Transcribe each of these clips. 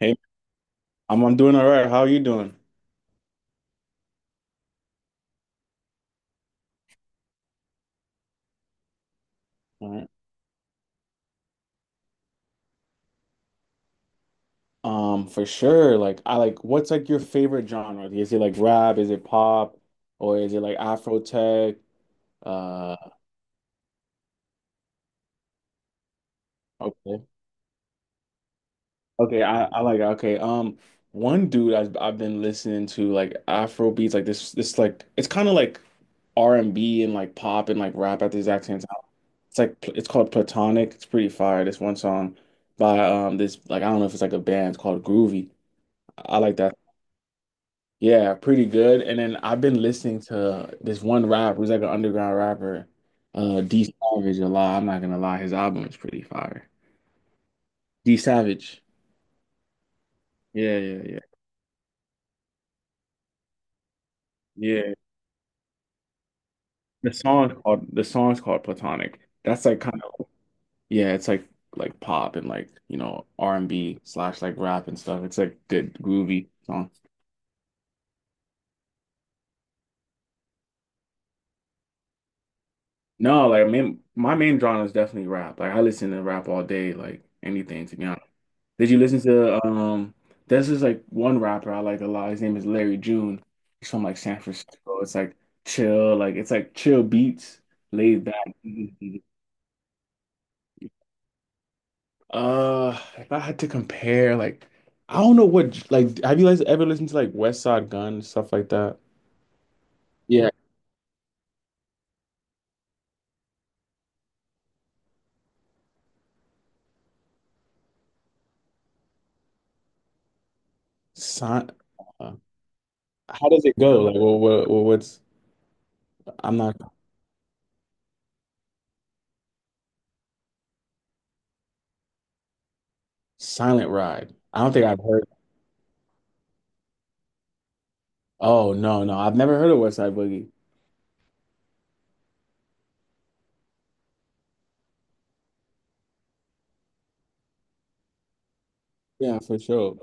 Hey, I'm doing all right. How are you doing? All right. For sure. Like what's like your favorite genre? Like, is it like rap? Is it pop? Or is it like Afro tech? Uh, okay. Okay, I okay. One dude I've been listening to like Afro beats, like this like it's kind of like R and B and like pop and like rap at the exact same time. It's like it's called Platonic. It's pretty fire. This one song by this, like I don't know if it's like a band. It's called Groovy. I like that. Yeah, pretty good. And then I've been listening to this one rapper who's like an underground rapper, D Savage a lot. I'm not gonna lie, his album is pretty fire. D Savage. Yeah, yeah, yeah. Yeah. The song's called Platonic. That's like kind of yeah, it's like pop and, like, you know, R and B slash like rap and stuff. It's like good groovy song. No, like I mean my main genre is definitely rap. Like I listen to rap all day, like anything to be honest. Did you listen to there's this like one rapper I like a lot. His name is Larry June. He's from like San Francisco. It's like chill, like it's like chill beats, laid back. If I had to compare, like I don't know what, like have you guys ever listened to like West Side Gun, stuff like that? Yeah. Si- uh, how does it go? Like what's I'm not Silent Ride. I don't think I've heard. Oh no, no, I've never heard of West Side Boogie. Yeah, for sure.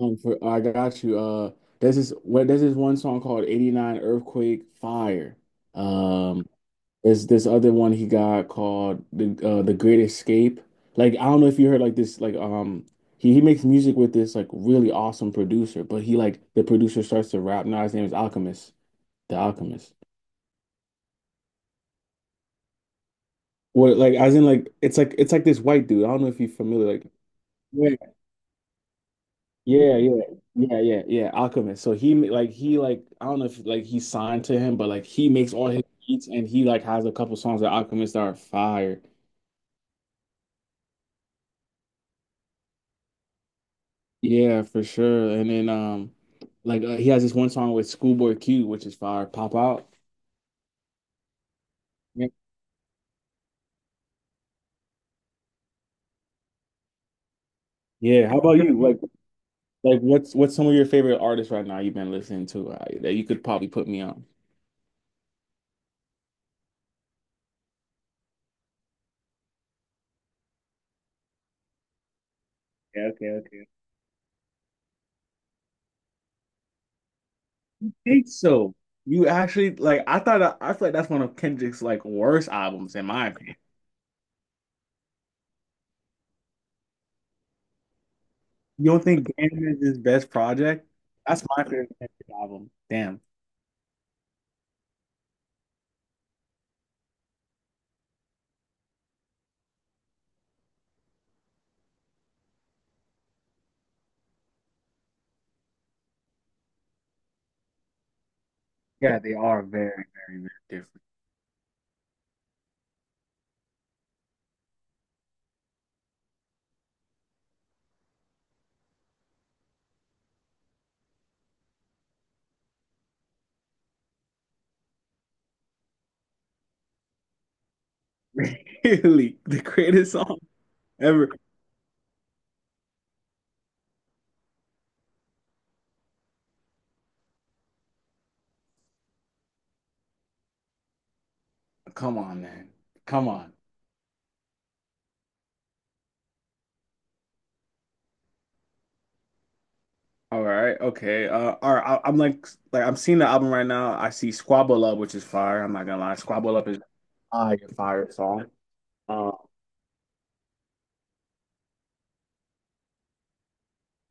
I got you. There's this one song called "89 Earthquake Fire." Um, there's this other one he got called the Great Escape. Like I don't know if you heard like this like he makes music with this like really awesome producer, but he, like the producer starts to rap. Now his name is Alchemist, the Alchemist. What, like as in like it's like it's like this white dude. I don't know if you're familiar like. Yeah, yeah, yeah, yeah, yeah. Alchemist. So like he, like I don't know if like he signed to him, but like he makes all his beats and he like has a couple songs that Alchemist that are fire. Yeah, for sure. And then he has this one song with Schoolboy Q, which is fire. Pop out. Yeah. Yeah. How about you? Like what's some of your favorite artists right now you've been listening to, that you could probably put me on? Yeah, okay, okay. Think so. You actually like I thought I feel like that's one of Kendrick's like worst albums in my opinion. You don't think Damn is his best project? That's my favorite album. Damn. Yeah, they are very, very, very different. Really? The greatest song ever. Come on, man. Come on. All right. Okay. All right. Like I'm seeing the album right now. I see Squabble Up, which is fire. I'm not gonna lie. Squabble Up is fire, fire song. Uh,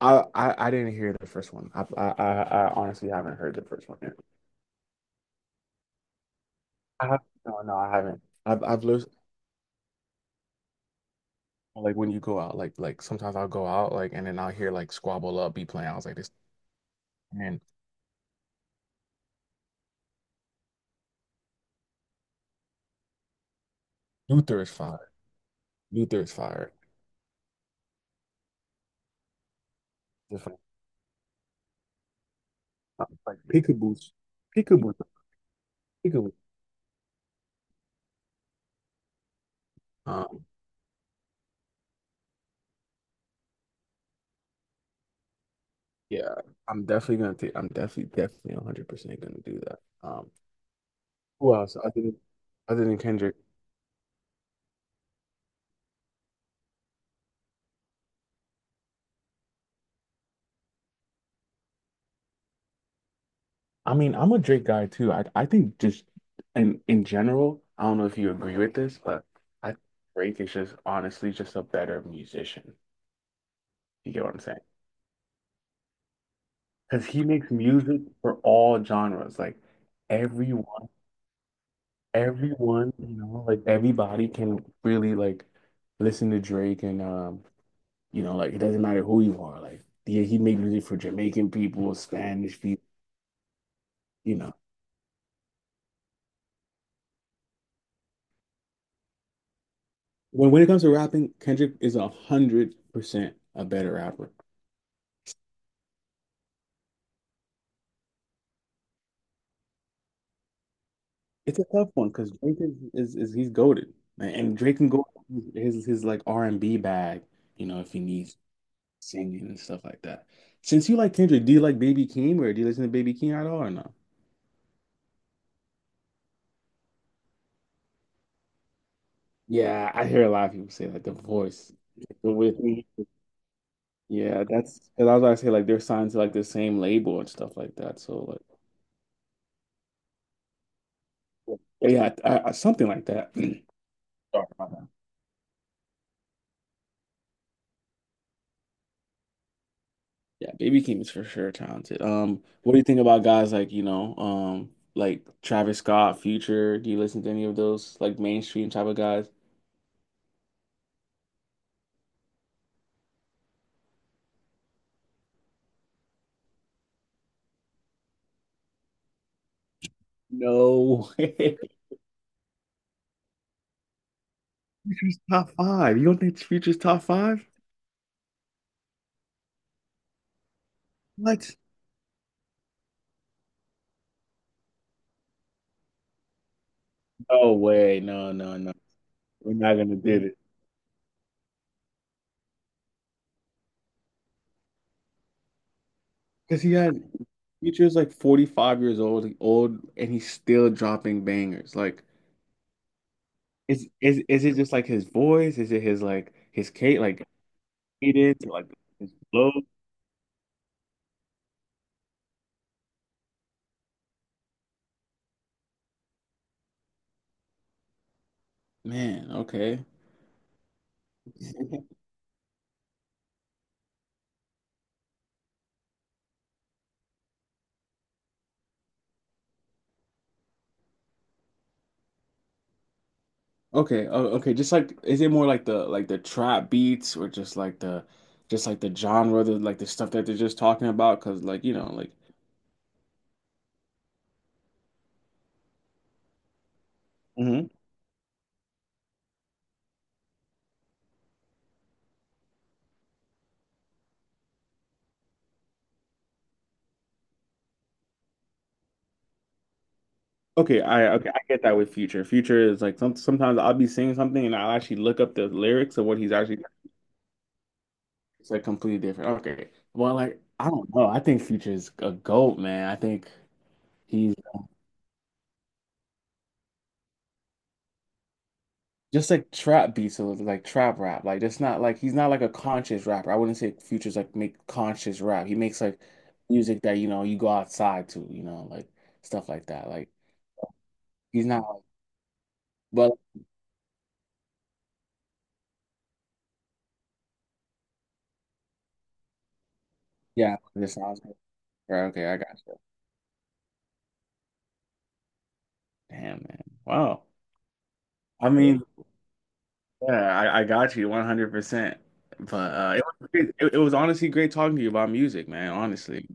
I didn't hear the first one. I honestly haven't heard the first one yet. I have, no, no, I haven't. I've like when you go out, like sometimes I'll go out, like and then I'll hear like Squabble Up be playing. I was like, this man, Luther is fire. Luther is fire. Different like peekaboo's peekaboo peekaboo. Um yeah, I'm definitely definitely 100% gonna do that. Who else other than Kendrick? I mean, I'm a Drake guy too. I think just in general, I don't know if you agree with this, but I think Drake is just honestly just a better musician. You get what I'm saying? Because he makes music for all genres. Like everyone, you know, like everybody can really like listen to Drake and, you know, like it doesn't matter who you are. Like yeah, he made music for Jamaican people, Spanish people, you know. When it comes to rapping, Kendrick is 100% a better rapper. It's a tough one because Drake is he's goaded, and Drake can go his like R and B bag, you know, if he needs singing and stuff like that. Since you like Kendrick, do you like Baby Keem or do you listen to Baby Keem at all or no? Yeah, I hear a lot of people say like the voice with me. Yeah, that's because I was about to say like they're signed to like the same label and stuff like that. So like yeah, something like that. Sorry about that. Yeah, Baby Keem is for sure talented. What do you think about guys like, you know, like Travis Scott, Future? Do you listen to any of those like mainstream type of guys? No way. Future's top five. You don't think Future's top five? What? No way. No, no, no. We're not gonna do it. Because he had future is like 45 years old, old, and he's still dropping bangers. Like, is it just like his voice? Is it his like his Kate like cadence or like his flow? Man, okay. Okay, oh, okay. Just like, is it more like the trap beats or just like the genre, the like the stuff that they're just talking about? Because like you know, like okay, I okay, I get that with Future. Future is like some sometimes I'll be seeing something and I'll actually look up the lyrics of what he's actually it's like completely different. Okay. Well, like I don't know. I think Future is a GOAT, man. I think he's just like trap beats, so it's like trap rap. Like it's not like he's not like a conscious rapper. I wouldn't say Future's like make conscious rap. He makes like music that, you know, you go outside to, you know, like stuff like that. Like he's not like, but yeah, this sounds right. Okay, I got you. Damn, man. Wow. I mean, yeah, I got you 100%. But it was great. It was honestly great talking to you about music, man. Honestly.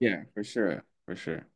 Yeah, for sure. For sure.